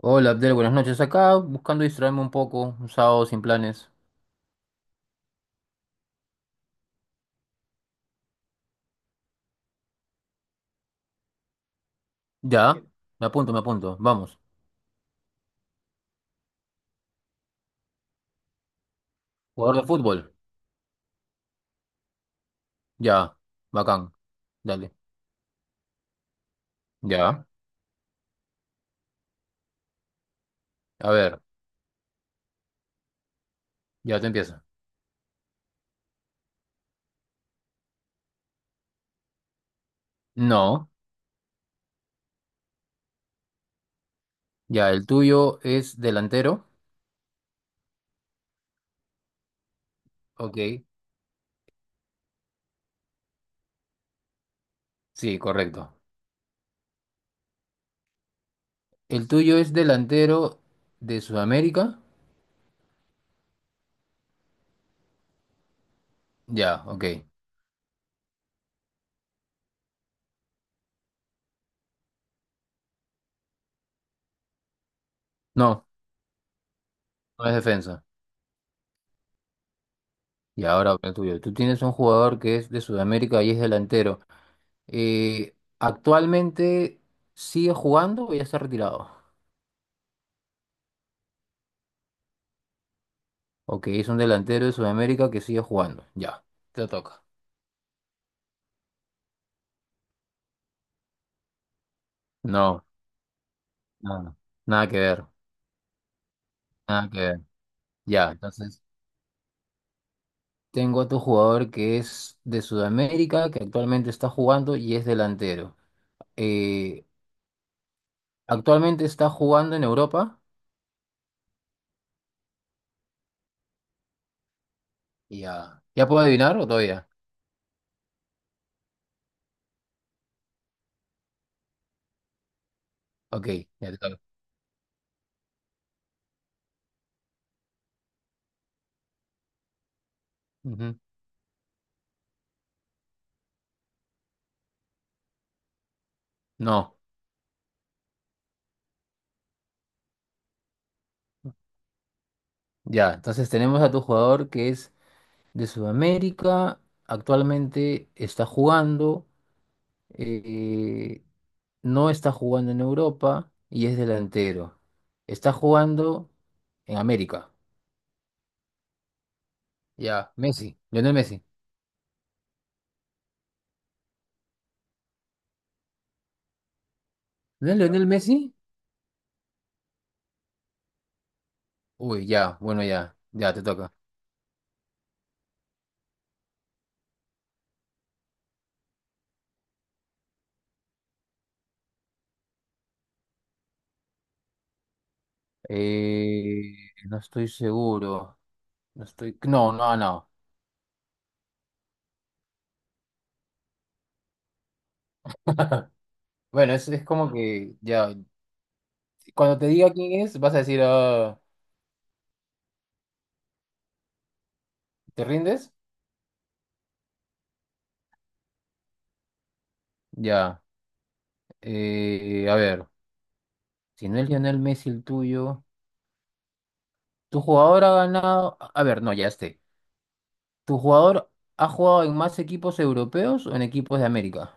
Hola Abdel, buenas noches. Acá buscando distraerme un poco, un sábado sin planes. Ya, me apunto. Vamos. Jugador de fútbol. Ya, bacán. Dale. Ya, a ver, ya te empieza. No, ya, el tuyo es delantero. Ok, sí, correcto. El tuyo es delantero de Sudamérica. Ya, ok. No, no es defensa. Y ahora el tuyo. Tú tienes un jugador que es de Sudamérica y es delantero. Actualmente sigue jugando o ya está retirado. Ok, es un delantero de Sudamérica que sigue jugando. Ya, te toca. No, no, nada que ver, nada que ver. Ya, entonces tengo otro jugador que es de Sudamérica, que actualmente está jugando y es delantero. Eh, actualmente está jugando en Europa. Ya, ¿ya puedo adivinar o todavía? Ok, ya te toca. Ujú. No, ya, entonces tenemos a tu jugador que es de Sudamérica. Actualmente está jugando, eh, no está jugando en Europa y es delantero. Está jugando en América. Ya, Messi, Lionel Messi. ¿No es Lionel Messi? Uy, ya, bueno, ya, ya te toca. Eh, no estoy seguro. No estoy. No, no, no. Bueno, es como que ya. Cuando te diga quién es, vas a decir, ah, ¿te rindes? Ya. A ver. Si no es Lionel Messi el tuyo, tu jugador ha ganado. A ver, no, ya esté. ¿Tu jugador ha jugado en más equipos europeos o en equipos de América?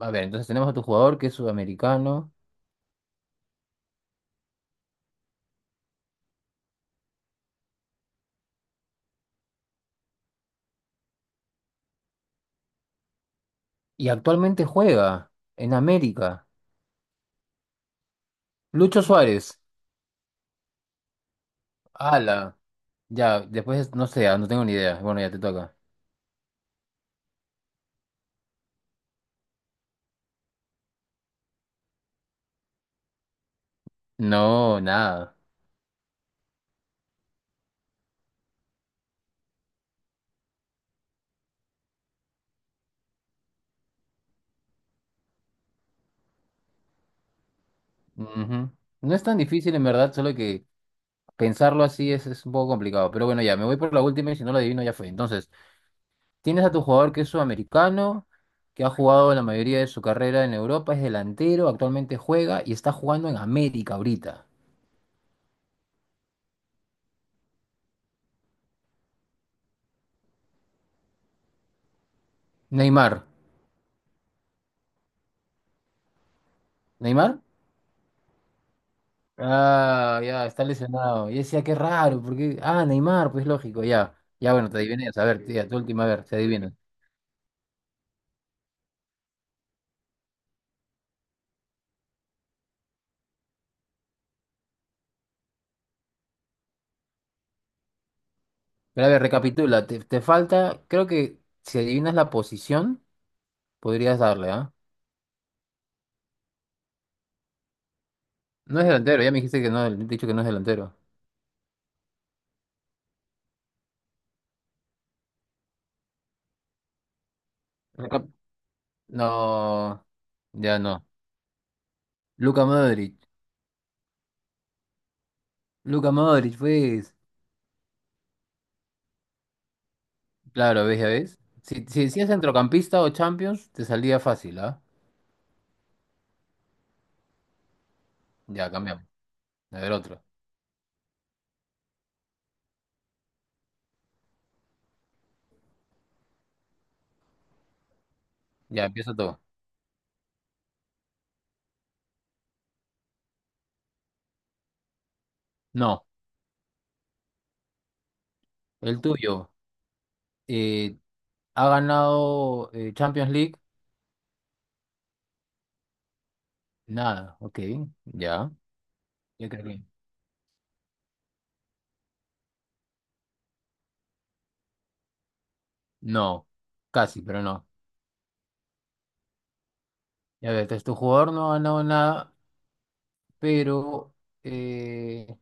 A ver, entonces tenemos a tu jugador que es sudamericano y actualmente juega en América. Lucho Suárez. Ala. Ya, después no sé, ah, no tengo ni idea. Bueno, ya te toca. No, nada. Ujú. No es tan difícil en verdad, solo que pensarlo así es un poco complicado. Pero bueno, ya, me voy por la última y si no lo adivino ya fue. Entonces. Tienes a tu jugador que es sudamericano, que ha jugado la mayoría de su carrera en Europa, es delantero, actualmente juega y está jugando en América ahorita. Neymar. ¿Neymar? Ah, ya, está lesionado. Y decía, qué raro, porque. Ah, Neymar, pues lógico, ya. Ya, bueno, te adivinas. A ver, tía, tu última, a ver, se adivinan. Pero a ver, recapitula, te falta, creo que si adivinas la posición, podrías darle, ¿ah? No es delantero, ya me dijiste que no, he dicho que no es delantero. Recap- No, ya no. Luka Modric. Luka Modric, pues. Claro, ves, ya ves. Si, si decías centrocampista o Champions, te salía fácil, ¿ah? Ya, cambiamos. A ver, otro. Ya, empieza todo. No, el tuyo. eh, ¿Ha ganado Champions League? Nada, ok. Ya. Ya creo que- No, casi, pero no. Ya ves, entonces tu jugador no ha ganado nada, pero eh,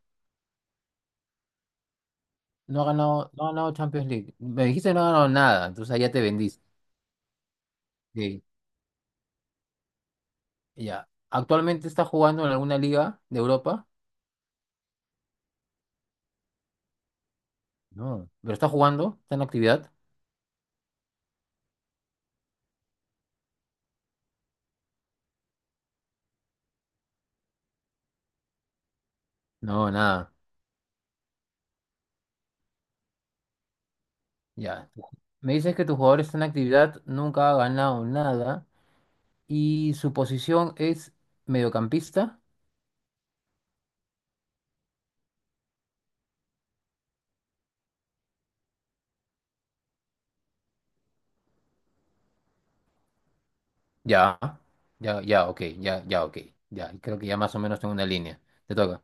no ha ganado, no ha ganado Champions League. Me dijiste que no ha ganado nada, entonces ahí ya te vendiste. Ok. Ya. ¿Actualmente está jugando en alguna liga de Europa? No. ¿Pero está jugando? ¿Está en actividad? No, nada. Ya. Me dices que tu jugador está en actividad, nunca ha ganado nada y su posición es mediocampista. Ya. Ya, ya, ok, ya, ya, ok. Ya, creo que ya más o menos tengo una línea. Te toca.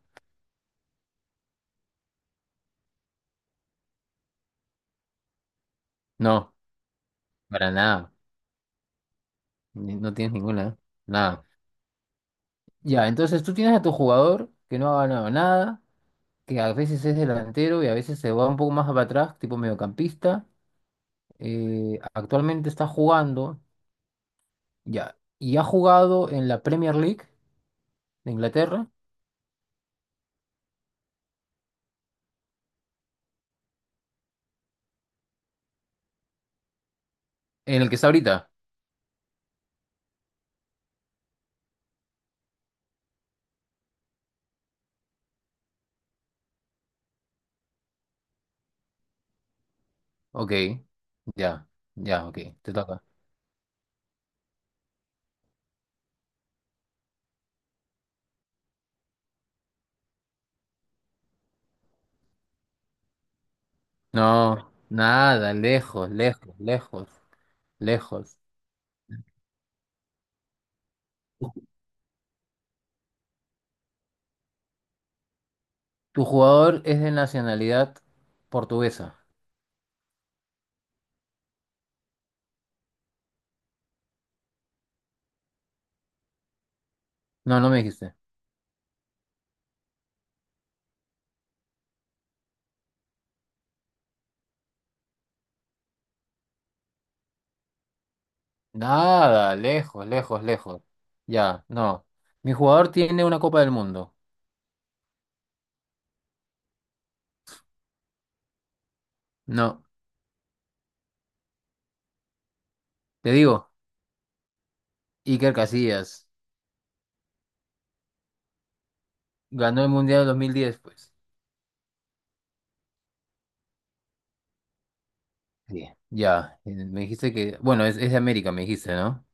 No, para nada. Ni- No tienes ninguna. Nada. Ya, entonces tú tienes a tu jugador que no ha ganado nada, que a veces es delantero y a veces se va un poco más para atrás, tipo mediocampista. Actualmente está jugando, ya, y ha jugado en la Premier League de Inglaterra, en el que está ahorita. Ok, ya, ya, ok, te toca. No, nada, lejos, lejos, lejos, lejos. ¿Tu jugador es de nacionalidad portuguesa? No, no me dijiste. Nada, lejos, lejos, lejos. Ya, no. Mi jugador tiene una Copa del Mundo. No, te digo, Iker Casillas ganó el Mundial del 2010, pues. Sí. Ya, me dijiste que, bueno, es de América, me dijiste, ¿no?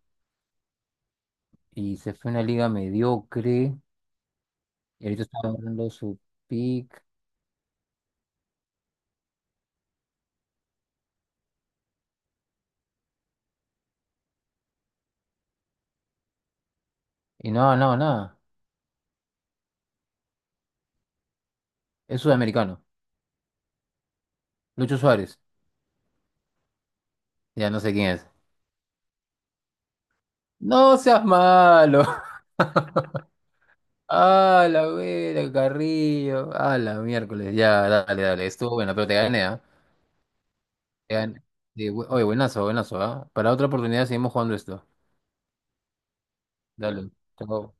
Y se fue a una liga mediocre, y ahorita está dando su pick, y no, no, nada, es sudamericano, Lucho Suárez, ya no sé quién es. No seas malo. Ah, la vera, Carrillo. Ah, la miércoles. Ya, dale, dale. Estuvo buena, pero te gané, ¿ah? Te gané. Sí, bu- Oye, buenazo, buenazo, ¿ah? Para otra oportunidad seguimos jugando esto. Dale. Chao.